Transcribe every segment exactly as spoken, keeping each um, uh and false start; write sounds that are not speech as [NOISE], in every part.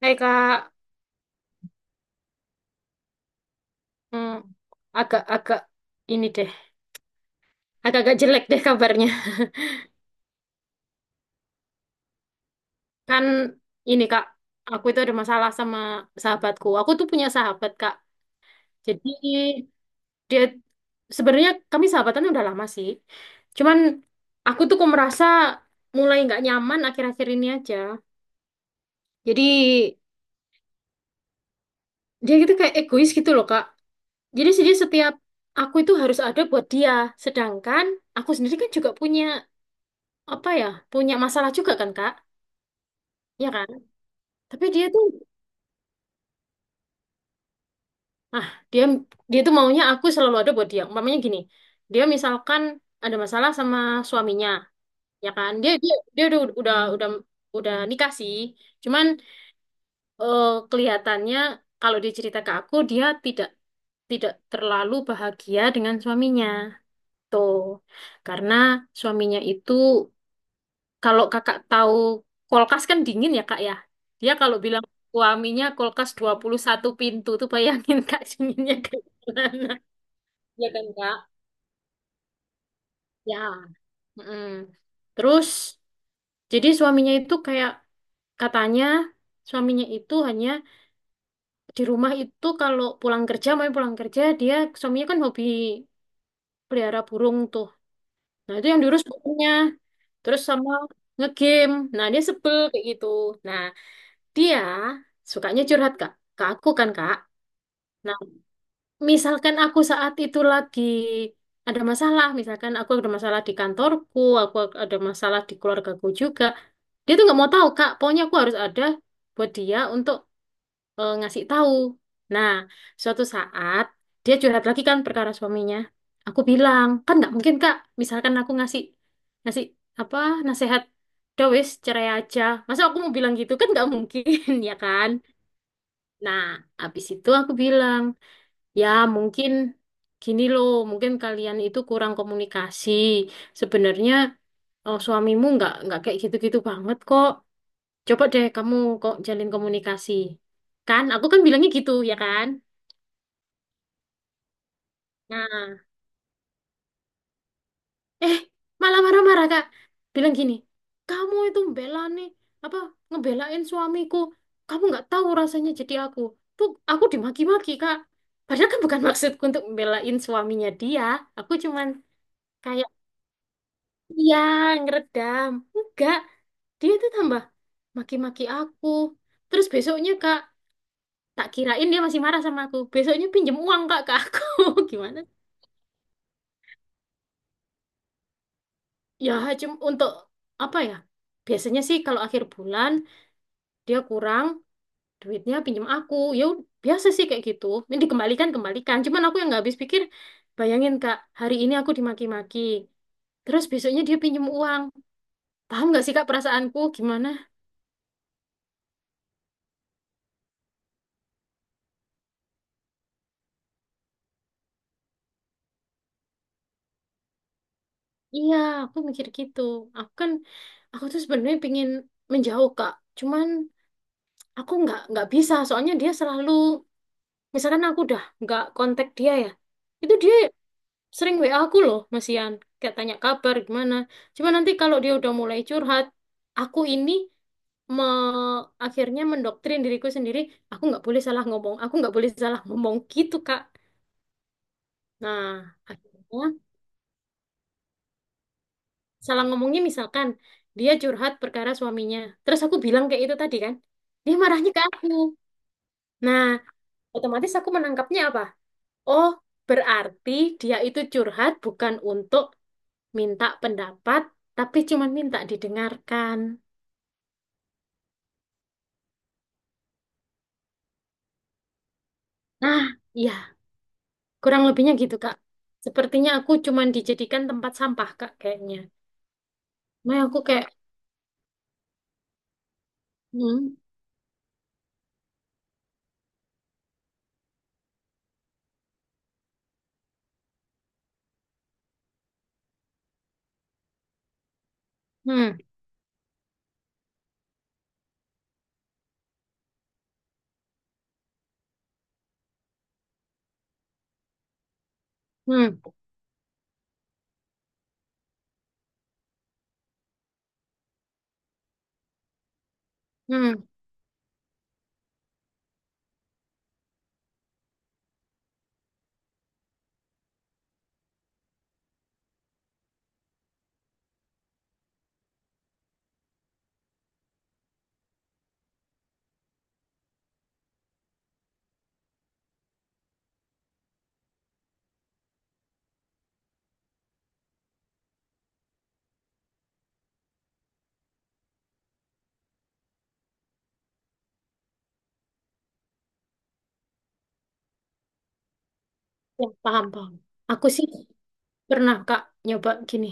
Hei kak. Hmm, agak-agak ini deh, agak-agak jelek deh kabarnya. [LAUGHS] Kan ini kak, aku itu ada masalah sama sahabatku. Aku tuh punya sahabat kak. Jadi dia sebenarnya kami sahabatan udah lama sih. Cuman aku tuh kok merasa mulai nggak nyaman akhir-akhir ini aja. Jadi dia gitu kayak egois gitu loh kak. Jadi sih dia setiap aku itu harus ada buat dia. Sedangkan aku sendiri kan juga punya apa ya, punya masalah juga kan kak. Iya kan? Tapi dia tuh, ah, dia dia tuh maunya aku selalu ada buat dia. Umpamanya gini, dia misalkan ada masalah sama suaminya, ya kan? Dia dia dia udah udah udah, udah nikah sih. Cuman eh, kelihatannya kalau dia cerita ke aku, dia tidak tidak terlalu bahagia dengan suaminya. Tuh, karena suaminya itu kalau kakak tahu kulkas kan dingin ya kak ya. Dia kalau bilang suaminya kulkas dua puluh satu pintu tuh bayangin kak dinginnya kayak gimana. Ya kan kak? Ya. Mm-mm. Terus jadi suaminya itu kayak katanya suaminya itu hanya di rumah itu, kalau pulang kerja, mau pulang kerja dia suaminya kan hobi pelihara burung tuh. Nah itu yang diurus burungnya. Terus sama ngegame. Nah dia sebel kayak gitu. Nah, dia sukanya curhat Kak, ke aku kan Kak. Nah, misalkan aku saat itu lagi ada masalah, misalkan aku ada masalah di kantorku, aku ada masalah di keluargaku juga, dia tuh nggak mau tahu Kak. Pokoknya aku harus ada buat dia untuk eh, ngasih tahu. Nah, suatu saat dia curhat lagi kan perkara suaminya. Aku bilang kan nggak mungkin Kak. Misalkan aku ngasih ngasih apa nasihat, udah wis cerai aja. Masa aku mau bilang gitu kan nggak mungkin, [LAUGHS] ya kan? Nah, habis itu aku bilang, ya mungkin gini loh, mungkin kalian itu kurang komunikasi. Sebenarnya eh, suamimu nggak nggak kayak gitu-gitu banget kok. Coba deh kamu kok jalin komunikasi. Kan, aku kan bilangnya gitu, ya kan? Nah, eh malah marah-marah kak, bilang gini, kamu itu membela nih apa ngebelain suamiku, kamu nggak tahu rasanya jadi aku, tuh aku dimaki-maki kak, padahal kan bukan [LAUGHS] maksudku untuk membelain suaminya, dia aku cuman kayak iya ngeredam enggak, dia tuh tambah maki-maki aku. Terus besoknya kak, tak kirain dia masih marah sama aku, besoknya pinjem uang kak ke aku. [LAUGHS] Gimana ya, cuma untuk apa ya, biasanya sih kalau akhir bulan dia kurang duitnya pinjam aku, ya ud- biasa sih kayak gitu, ini dikembalikan kembalikan. Cuman aku yang nggak habis pikir, bayangin kak hari ini aku dimaki-maki, terus besoknya dia pinjam uang. Paham nggak sih kak perasaanku gimana? Iya, aku mikir gitu. aku kan aku tuh sebenarnya pingin menjauh kak, cuman aku nggak nggak bisa soalnya dia selalu, misalkan aku udah nggak kontak dia ya, itu dia sering we a aku loh Mas Ian, kayak tanya kabar gimana. Cuma nanti kalau dia udah mulai curhat, aku ini me akhirnya mendoktrin diriku sendiri, aku nggak boleh salah ngomong, aku nggak boleh salah ngomong gitu Kak. Nah akhirnya, salah ngomongnya misalkan dia curhat perkara suaminya terus aku bilang kayak itu tadi kan, dia marahnya ke aku. Nah otomatis aku menangkapnya apa, oh berarti dia itu curhat bukan untuk minta pendapat, tapi cuma minta didengarkan. Nah, ya, kurang lebihnya gitu, Kak. Sepertinya aku cuma dijadikan tempat sampah, Kak, kayaknya. Nah, aku kayak, hmm. Hmm. Hmm. Hmm. Ya, paham, paham. Aku sih pernah, Kak, nyoba gini.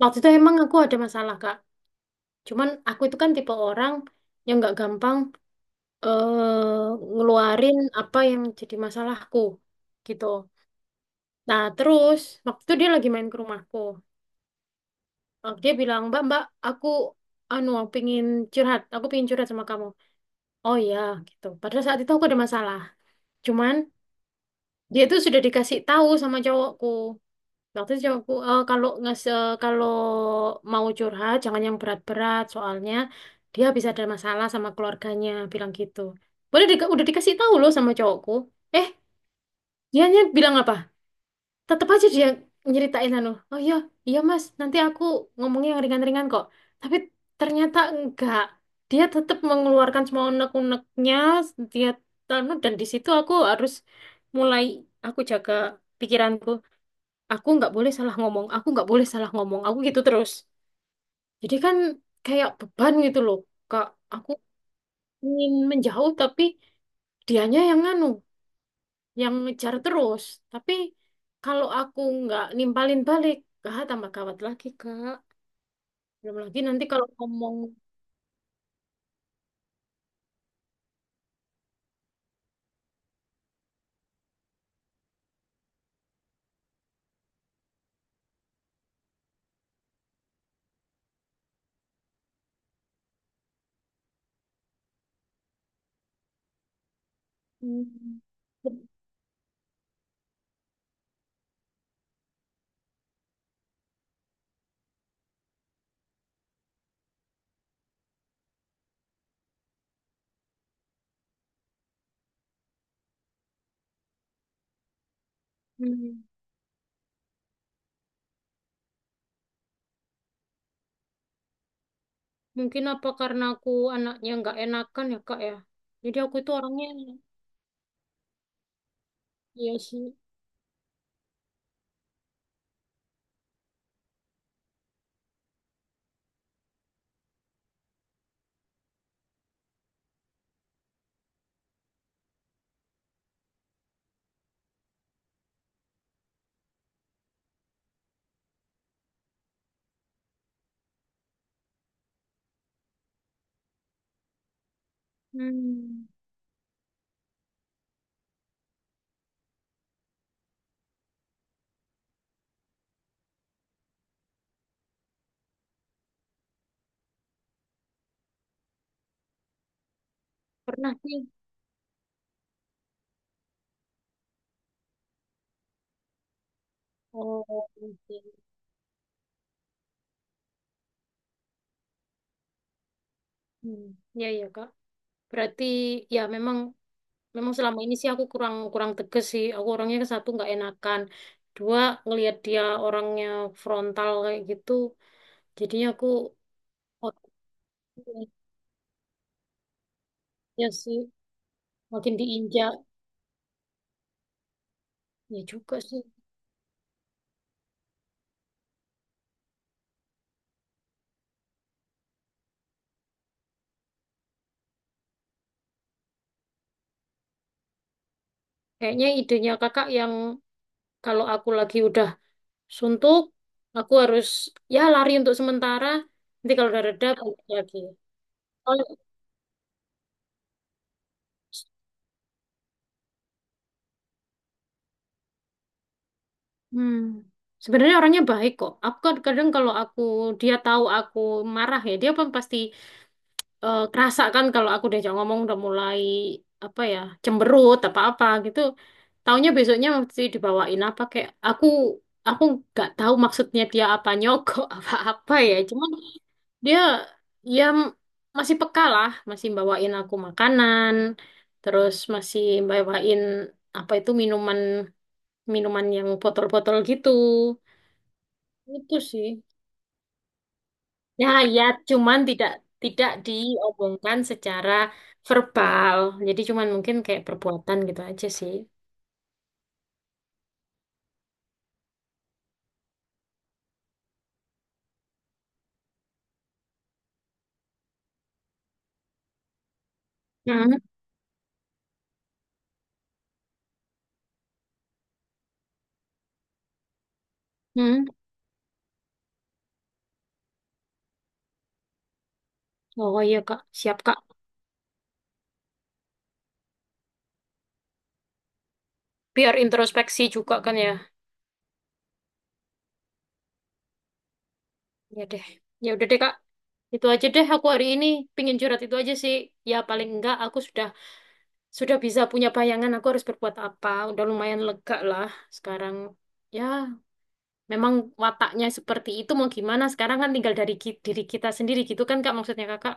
Waktu itu emang aku ada masalah, Kak. Cuman aku itu kan tipe orang yang nggak gampang eh ngeluarin apa yang jadi masalahku, gitu. Nah, terus waktu itu dia lagi main ke rumahku. Eh, dia bilang, Mbak, Mbak, aku anu pingin curhat, aku pingin curhat sama kamu. Oh ya, gitu. Padahal saat itu aku ada masalah. Cuman dia itu sudah dikasih tahu sama cowokku. Waktu itu cowokku, "Eh, kalau ngas eh, kalau mau curhat jangan yang berat-berat, soalnya dia bisa ada masalah sama keluarganya," bilang gitu. Udah, udah dikasih tahu loh sama cowokku. Eh, dianya bilang apa? Tetap aja dia nyeritain anu, oh iya, iya mas, nanti aku ngomongnya yang ringan-ringan kok. Tapi ternyata enggak, dia tetap mengeluarkan semua unek-uneknya. Dia anu, dan di situ aku harus mulai, aku jaga pikiranku, aku nggak boleh salah ngomong, aku nggak boleh salah ngomong aku gitu terus. Jadi kan kayak beban gitu loh kak. Aku ingin menjauh tapi dianya yang anu, yang ngejar terus. Tapi kalau aku nggak nimpalin balik, ah, tambah gawat lagi, Kak. Belum lagi nanti kalau ngomong, hmm. Hmm. Mungkin apa karena aku anaknya nggak enakan ya, Kak, ya. Jadi aku itu orangnya, iya sih. Hmm, pernah sih. Oh, oke. Hmm, ya, ya, Kak. Berarti, ya memang, memang selama ini sih aku kurang kurang tegas sih. Aku orangnya satu nggak enakan. Dua, ngelihat dia orangnya frontal kayak gitu. Jadi aku otaknya sih makin diinjak. Ya juga sih. Kayaknya idenya kakak yang, kalau aku lagi udah suntuk, aku harus ya lari untuk sementara. Nanti kalau udah reda balik lagi. Kalau hmm, sebenarnya orangnya baik kok. Aku kan kadang kalau aku, dia tahu aku marah ya, dia pun pasti eh, kerasa kan kalau aku diajak ngomong udah mulai apa ya, cemberut apa apa gitu. Taunya besoknya mesti dibawain apa, kayak aku aku nggak tahu maksudnya dia apa nyogok [LAUGHS] apa-apa ya. Cuman dia ya m- masih peka lah, masih bawain aku makanan, terus masih bawain apa itu minuman, minuman yang botol-botol gitu. Itu sih. Ya, ya, cuman tidak tidak diomongkan secara verbal. Jadi cuman mungkin kayak perbuatan gitu aja sih. Hmm. Hmm. Oh iya Kak, siap Kak. Biar introspeksi juga kan ya. Ya deh, ya udah deh kak, itu aja deh, aku hari ini pingin curhat itu aja sih. Ya paling enggak aku sudah sudah bisa punya bayangan aku harus berbuat apa, udah lumayan lega lah sekarang. Ya memang wataknya seperti itu, mau gimana, sekarang kan tinggal dari ki- diri kita sendiri gitu kan kak, maksudnya kakak.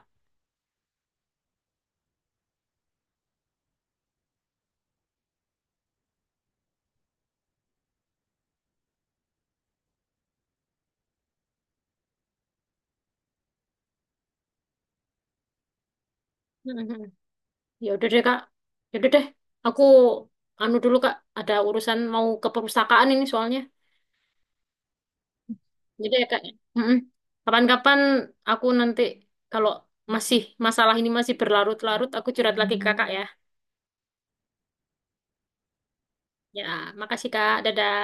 Mhm. Ya udah deh kak, ya udah deh, aku anu dulu kak, ada urusan mau ke perpustakaan ini soalnya. Jadi ya kak. Ya? Mm-mm. Kapan-kapan aku nanti kalau masih masalah ini masih berlarut-larut, aku curhat lagi ke kakak ya. Ya, makasih kak. Dadah.